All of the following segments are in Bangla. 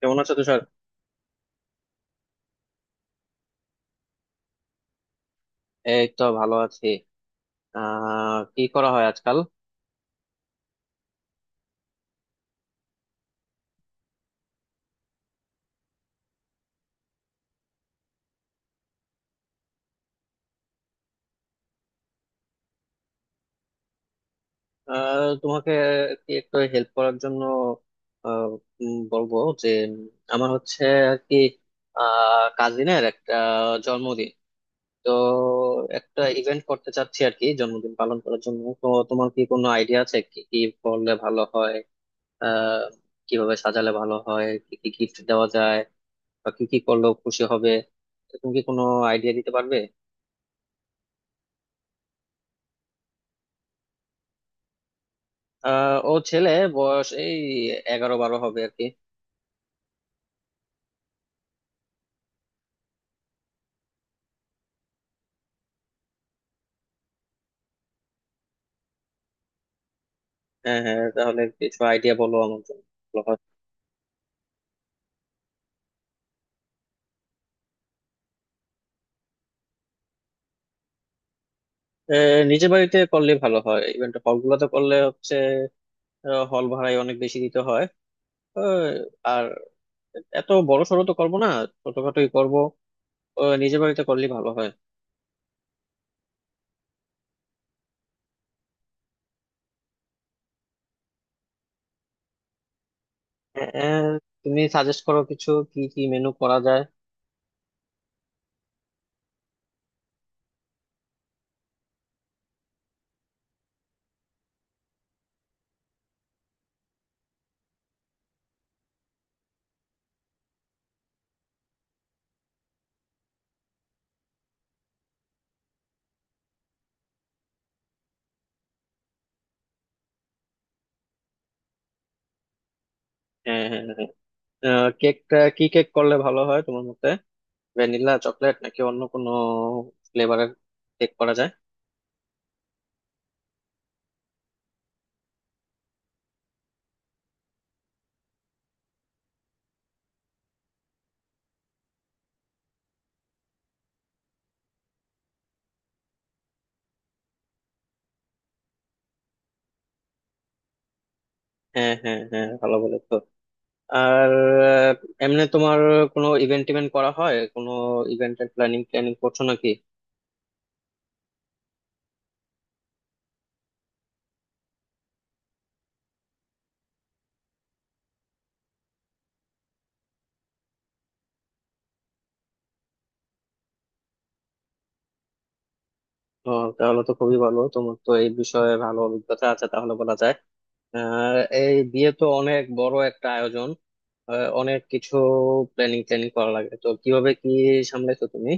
কেমন আছো তুষার? এই তো ভালো আছি। কি করা হয় আজকাল? তোমাকে কি একটু হেল্প করার জন্য আহ, বলবো যে আমার হচ্ছে আর কি কাজিনের একটা জন্মদিন। তো একটা ইভেন্ট করতে চাচ্ছি আর কি জন্মদিন পালন করার জন্য, তো তোমার কি কোনো আইডিয়া আছে কি কি করলে ভালো হয়? আহ কিভাবে সাজালে ভালো হয়, কি কি গিফট দেওয়া যায়, বা কি কি করলেও খুশি হবে? তো তুমি কি কোনো আইডিয়া দিতে পারবে? ও ছেলে, বয়স এই 11-12 হবে আর কি। হ্যাঁ হ্যাঁ, তাহলে কিছু আইডিয়া বলো, আমার জন্য ভালো হয়। নিজের বাড়িতে করলে ভালো হয়। ইভেন্ট হল গুলোতে করলে হচ্ছে হল ভাড়ায় অনেক বেশি দিতে হয়। আহ, আর এত বড় সড়ো তো করবো না, ছোটখাটোই করবো। নিজের বাড়িতে করলে ভালো হয়। আহ, আহ, তুমি সাজেস্ট করো কিছু কি কি মেনু করা যায়। হ্যাঁ হ্যাঁ হ্যাঁ হ্যাঁ। কেকটা কি কেক করলে ভালো হয় তোমার মতে? ভ্যানিলা, চকলেট, নাকি অন্য কোনো ফ্লেভারের কেক করা যায়? হ্যাঁ হ্যাঁ হ্যাঁ, ভালো বলেছো। আর আহ, এমনি তোমার কোনো ইভেন্ট টিভেন্ট করা হয়, কোনো ইভেন্টের প্ল্যানিং প্ল্যানিং করছো নাকি? ও, তাহলে তো খুবই ভালো, তোমার তো এই বিষয়ে ভালো অভিজ্ঞতা আছে তাহলে বলা যায়। আর এই বিয়ে তো অনেক বড় একটা আয়োজন। অনেক কিছু প্ল্যানিং ট্যানিং করা লাগে, তো কিভাবে কি সামলাইছো তুমি?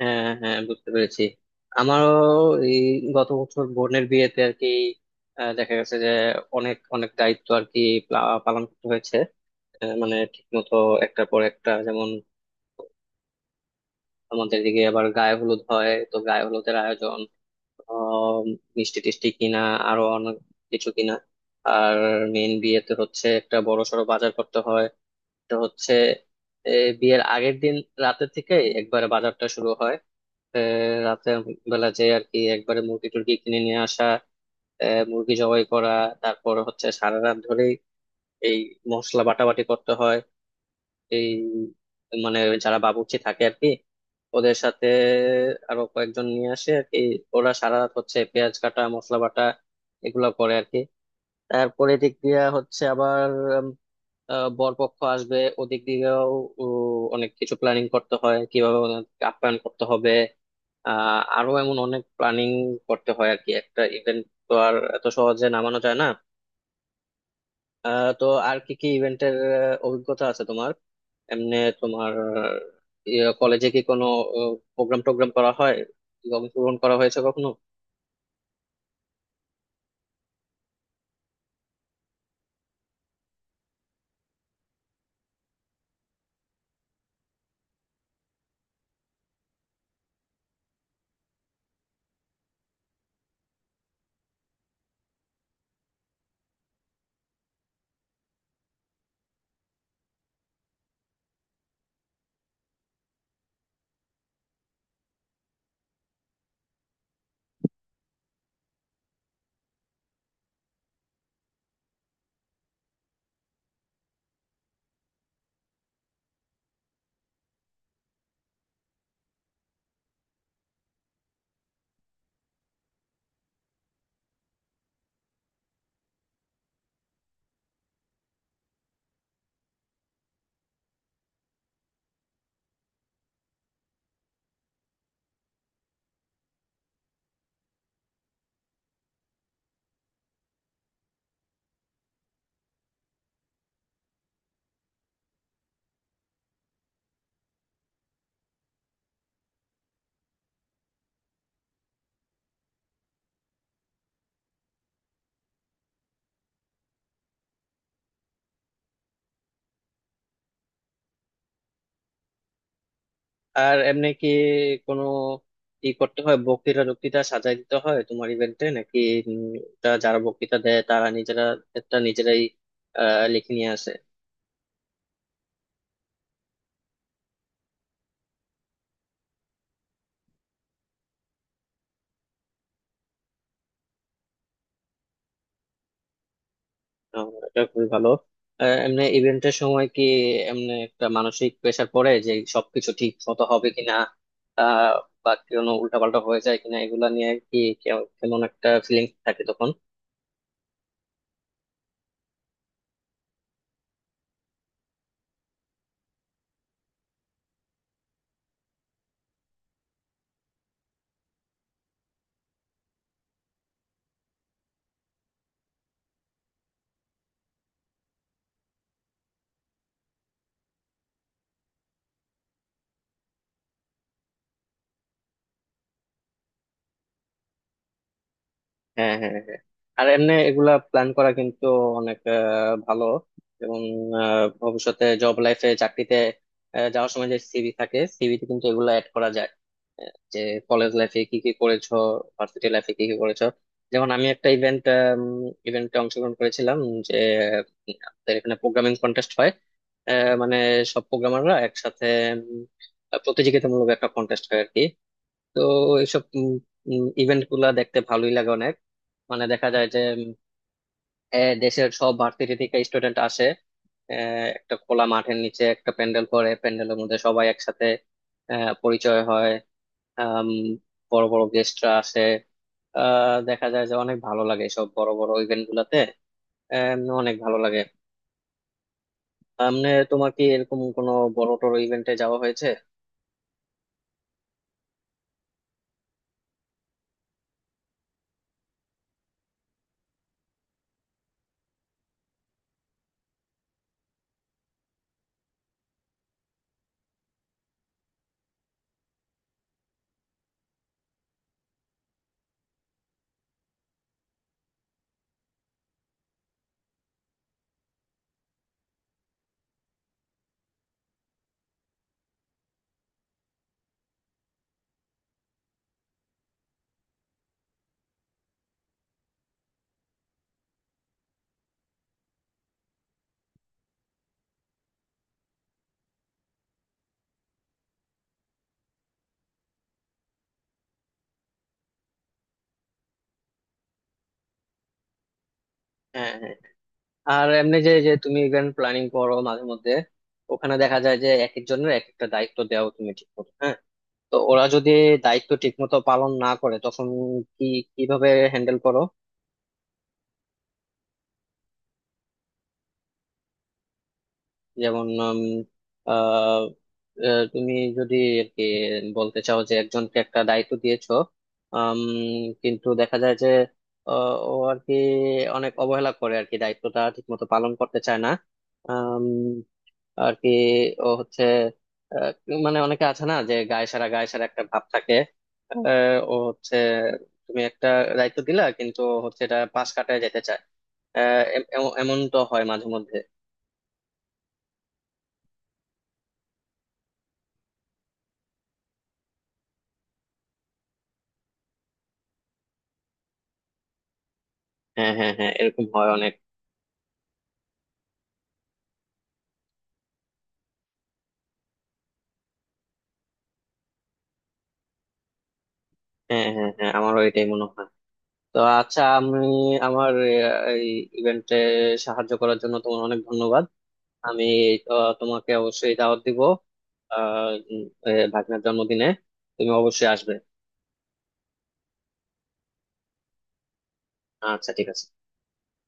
হ্যাঁ হ্যাঁ, বুঝতে পেরেছি। আমারও এই গত বছর বোনের বিয়েতে আর কি দেখা গেছে যে অনেক অনেক দায়িত্ব আর কি পালন করতে হয়েছে। মানে ঠিক মতো একটার পর একটা, যেমন আমাদের দিকে আবার গায়ে হলুদ হয় তো গায়ে হলুদের আয়োজন, আহ, মিষ্টি টিষ্টি কিনা, আরো অনেক কিছু কিনা। আর মেন বিয়েতে হচ্ছে একটা বড় সড়ো বাজার করতে হয়, তো হচ্ছে এ, বিয়ের আগের দিন রাতে থেকে একবারে বাজারটা শুরু হয়। এ, রাতের বেলা যে আর কি একবারে মুরগি টুরগি কিনে নিয়ে আসা, মুরগি জবাই করা। তারপর হচ্ছে সারা রাত ধরেই এই মশলা বাটাবাটি করতে হয়। এই মানে যারা বাবুর্চি থাকে আর কি, ওদের সাথে আরো কয়েকজন নিয়ে আসে আর কি, ওরা সারা রাত হচ্ছে পেঁয়াজ কাটা মশলা বাটা এগুলো করে আর কি। তারপরে দিক দিয়ে হচ্ছে আবার উম, বরপক্ষ আসবে ওদিক দিয়েও, উ, অনেক কিছু প্ল্যানিং করতে হয় কিভাবে ওনাদেরকে আপ্যায়ন করতে হবে। আরো এমন অনেক প্ল্যানিং করতে হয় আর কি, একটা ইভেন্ট তো আর এত সহজে নামানো যায় না। তো আর কি কি ইভেন্টের অভিজ্ঞতা আছে তোমার? এমনি তোমার কলেজে কি কোনো প্রোগ্রাম টোগ্রাম করা হয়, অংশগ্রহণ করা হয়েছে কখনো? আর এমনি কি কোনো ই করতে হয় বক্তৃতা টক্তৃতা সাজাই দিতে হয় তোমার ইভেন্টে নাকি? উম, তা যারা বক্তৃতা দেয় তারা নিজেরা নিজেরাই লিখে নিয়ে আসে। এটা খুবই ভালো। এমনি ইভেন্টের সময় কি এমনি একটা মানসিক প্রেশার পড়ে যে সবকিছু ঠিক মতো হবে কিনা, আহ বা কোনো উল্টাপাল্টা হয়ে যায় কিনা এগুলা নিয়ে কি কেমন একটা ফিলিংস থাকে তখন? হ্যাঁ হ্যাঁ হ্যাঁ। আর এমনি এগুলা প্ল্যান করা কিন্তু অনেক ভালো এবং ভবিষ্যতে জব লাইফে চাকরিতে যাওয়ার সময় যে সিভি থাকে সিভিতে কিন্তু এগুলা অ্যাড করা যায়, যে কলেজ লাইফে কি কি করেছো, ভার্সিটি লাইফে কি কি করেছো। যেমন আমি একটা ইভেন্টে অংশগ্রহণ করেছিলাম যে আমাদের এখানে প্রোগ্রামিং কন্টেস্ট হয়। মানে সব প্রোগ্রামাররা একসাথে উম, প্রতিযোগিতামূলক একটা কন্টেস্ট হয় আর কি। তো এইসব ইভেন্ট গুলা দেখতে ভালোই লাগে অনেক। মানে দেখা যায় যে এ, দেশের সব ভার্সিটি থেকে স্টুডেন্ট আসে, এ, একটা খোলা মাঠের নিচে একটা প্যান্ডেল করে প্যান্ডেলের মধ্যে সবাই একসাথে এ, পরিচয় হয়। আম, বড় বড় গেস্টরা আসে। দেখা যায় যে অনেক ভালো লাগে সব বড় বড় ইভেন্ট গুলাতে। অনেক ভালো লাগে। এমনি তোমার কি এরকম কোনো বড় টড় ইভেন্টে যাওয়া হয়েছে? হ্যাঁ হ্যাঁ। আর এমনি যে যে তুমি ইভেন্ট প্ল্যানিং করো মাঝে মধ্যে, ওখানে দেখা যায় যে এক একজনের এক একটা দায়িত্ব দেওয়া তুমি ঠিক করো, হ্যাঁ। তো ওরা যদি দায়িত্ব ঠিকমতো পালন না করে তখন কি, কিভাবে হ্যান্ডেল করো? যেমন আহ, তুমি যদি আর কি বলতে চাও যে একজনকে একটা দায়িত্ব দিয়েছো, আম, কিন্তু দেখা যায় যে ও আর কি অনেক অবহেলা করে আর কি দায়িত্বটা ঠিকমতো পালন করতে চায় না আর কি। ও হচ্ছে আহ, মানে অনেকে আছে না যে গায়ে সারা গায়ে সারা একটা ভাব থাকে। আহ, ও হচ্ছে তুমি একটা দায়িত্ব দিলা কিন্তু ও হচ্ছে এটা পাশ কাটায় যেতে চায়। এমন তো হয় মাঝে মধ্যে। হ্যাঁ হ্যাঁ হ্যাঁ, এরকম হয় অনেক। হ্যাঁ হ্যাঁ হ্যাঁ, আমারও এটাই মনে হয়। তো আচ্ছা, আমি আমার এই ইভেন্টে সাহায্য করার জন্য তোমার অনেক ধন্যবাদ। আমি তোমাকে অবশ্যই দাওয়াত দিব। আহ উম, ভাগ্নের জন্মদিনে তুমি অবশ্যই আসবে। আচ্ছা ঠিক আছে।